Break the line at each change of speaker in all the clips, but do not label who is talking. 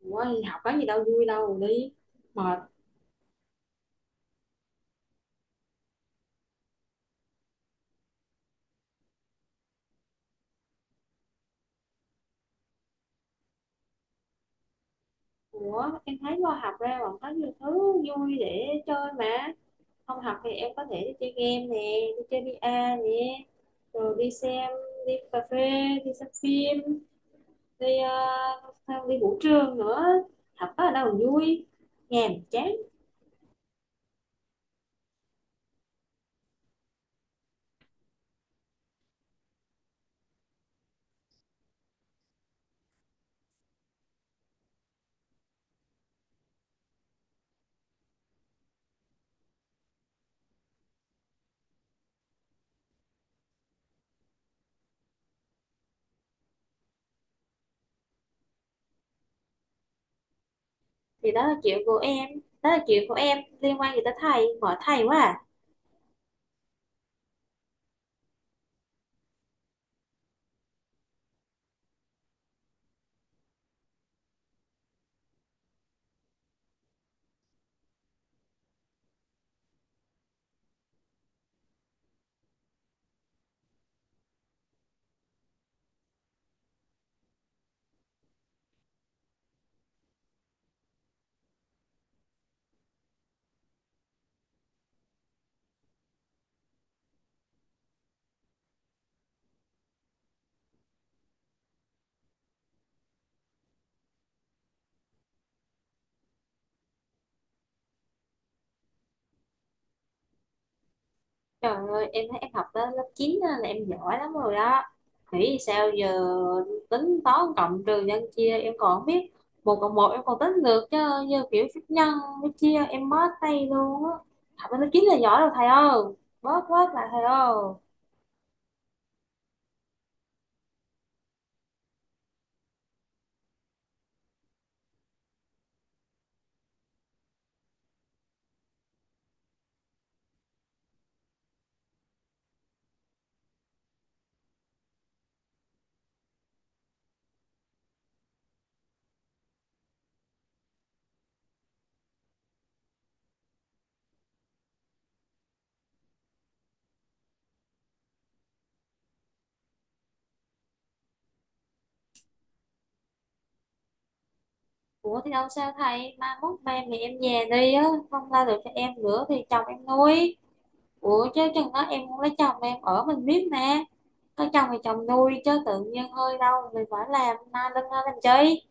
Ủa đi học có gì đâu, vui đâu đi, mệt. Ủa em thấy lo, học ra còn có nhiều thứ vui để chơi mà. Không học thì em có thể đi chơi game nè, đi chơi VR nè, rồi đi xem, đi cà phê, đi xem phim, đi đi vũ trường nữa. Học có ở đâu mà vui. Nhàm chán. Thì đó là chuyện của em. Đó là chuyện của em, liên quan gì tới thầy, bỏ thầy quá à. Trời ơi, em thấy em học tới lớp 9 á là em giỏi lắm rồi đó. Nghĩ sao giờ tính toán cộng trừ nhân chia em còn không biết. Một cộng một em còn tính được, chứ như kiểu phép nhân phép chia em bó tay luôn á. Học tới lớp 9 là giỏi rồi thầy ơi. Bớt bớt lại thầy ơi. Ủa thì đâu sao thầy, mai mốt ba mẹ em về đi á, không ra được cho em nữa thì chồng em nuôi. Ủa chứ chừng đó em không lấy chồng em ở mình biết mà. Có chồng thì chồng nuôi, chứ tự nhiên hơi đâu mình phải làm na lưng ra làm chi.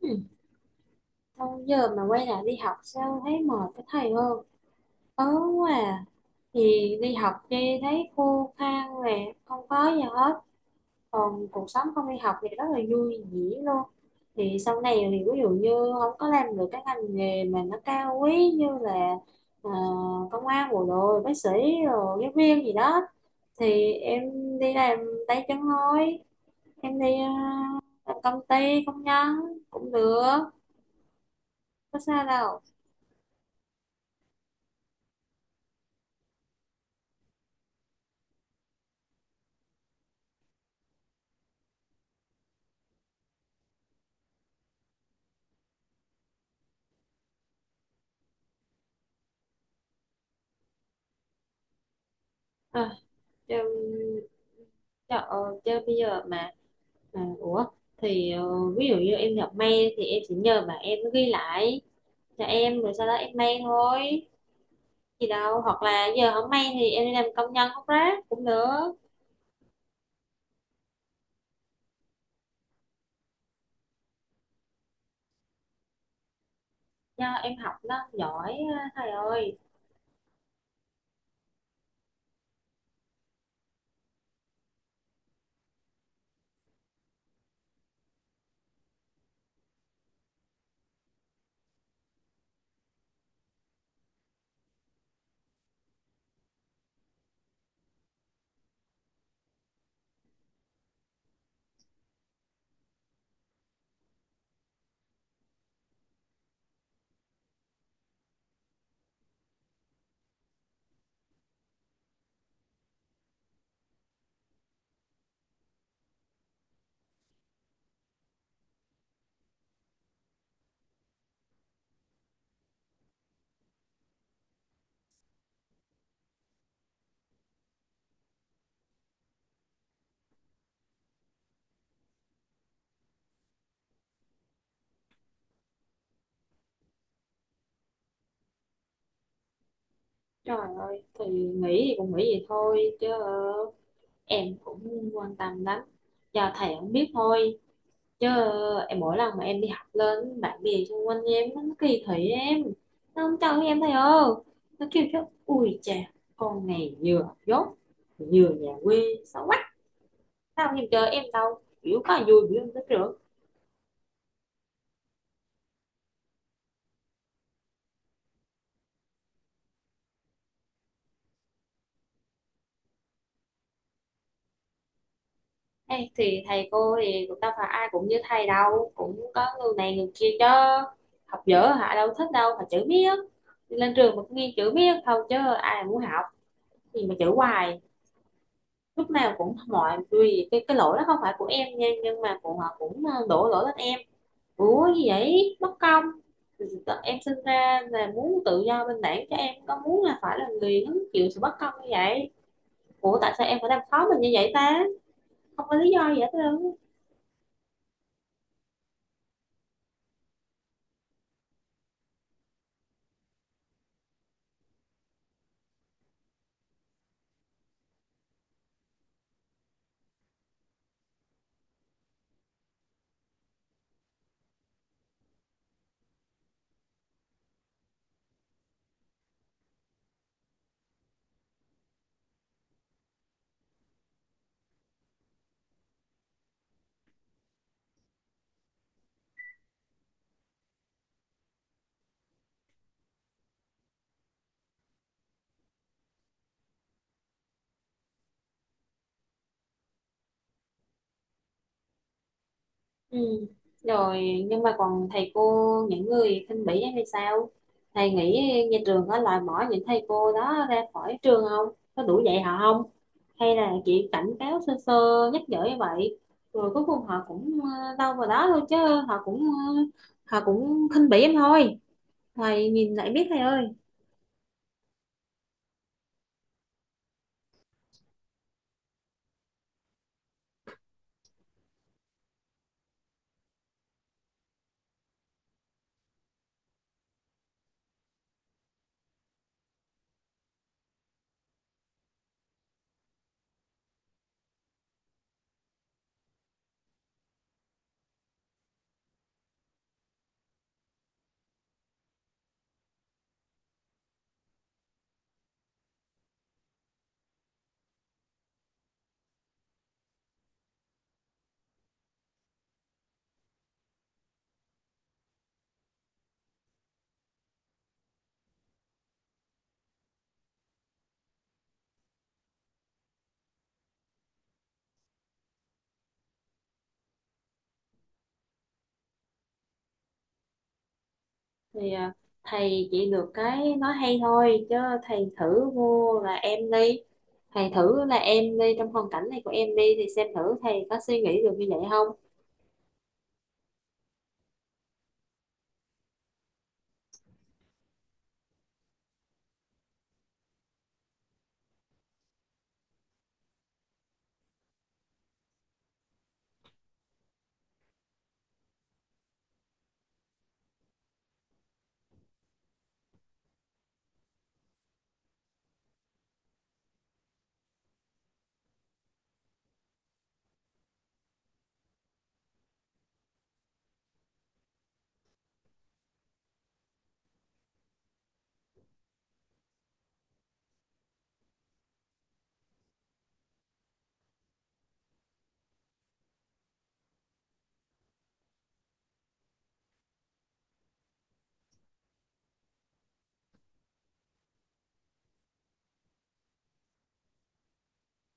Ừ. Thôi giờ mà quay lại đi học sao thấy mệt cái thầy, hơn ớn quá à. Thì đi học đi thấy khô khan nè, không có gì hết, còn cuộc sống không đi học thì rất là vui vẻ luôn. Thì sau này thì ví dụ như không có làm được cái ngành nghề mà nó cao quý như là ờ, công an, bộ đội, bác sĩ, rồi giáo viên gì đó, thì em đi làm tay chân thôi. Em đi làm công ty, công nhân cũng được, có sao đâu. Cho, cho, ờ, cho bây giờ mà thì ờ, ví dụ như em nhập mail thì em chỉ nhờ mà em ghi lại cho em, rồi sau đó em mail thôi, gì đâu. Hoặc là giờ không mail thì em đi làm công nhân hút rác cũng được. Do em học nó giỏi á, thầy ơi. Trời ơi, thì nghĩ thì cũng nghĩ vậy thôi, chứ em cũng quan tâm lắm, do thầy không biết thôi chứ. Em mỗi lần mà em đi học lên, bạn bè xung quanh em nó kỳ thị em, nó không cho em thầy ơi. Nó kêu chứ: ui chà, con này vừa dốt vừa nhà quê xấu quá, sao không em chơi. Em đâu biểu có là vui, biểu không thích được. Ê, thì thầy cô thì cũng đâu phải ai cũng như thầy đâu, cũng có người này người kia chứ. Học dở hả đâu thích đâu mà chữ biết, đi lên trường mà cũng nghe chữ biết thôi chứ. Ai mà muốn học thì mà chữ hoài, lúc nào cũng mọi vì cái lỗi đó không phải của em nha, nhưng mà cũng họ cũng đổ lỗi lên em. Ủa gì vậy, bất công. Em sinh ra là muốn tự do bình đẳng, cho em có muốn là phải là người hứng chịu sự bất công như vậy. Ủa tại sao em phải làm khó mình như vậy ta, không có lý do gì hết trơn. Ừ. Rồi nhưng mà còn thầy cô những người khinh bỉ em thì sao? Thầy nghĩ nhà trường có loại bỏ những thầy cô đó ra khỏi trường không, có đủ dạy họ không, hay là chị cảnh cáo sơ sơ nhắc nhở như vậy rồi cuối cùng họ cũng đâu vào đó thôi chứ. Họ cũng ờ, họ cũng khinh bỉ em thôi, thầy nhìn lại biết thầy ơi. Thì thầy chỉ được cái nói hay thôi chứ. Thầy thử vô là em đi, thầy thử là em đi trong hoàn cảnh này của em đi, thì xem thử thầy có suy nghĩ được như vậy không.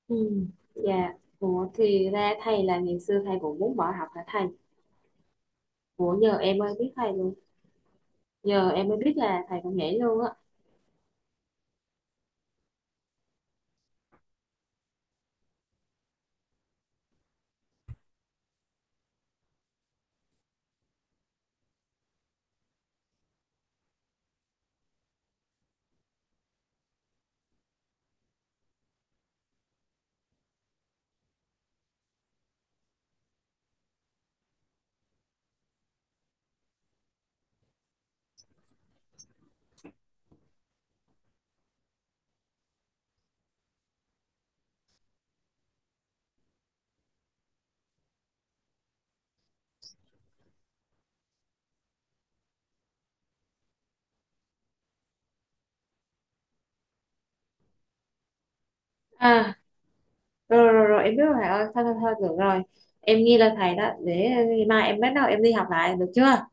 Ừ. Dạ. Ủa thì ra thầy là ngày xưa thầy cũng muốn bỏ học hả thầy? Ủa giờ em mới biết thầy luôn. Giờ em mới biết là thầy cũng nhảy luôn á. À, rồi rồi rồi em biết rồi thầy ơi, thôi thôi thôi được rồi. Em ghi lên thầy đó, để mai em bắt đầu em đi học lại được chưa?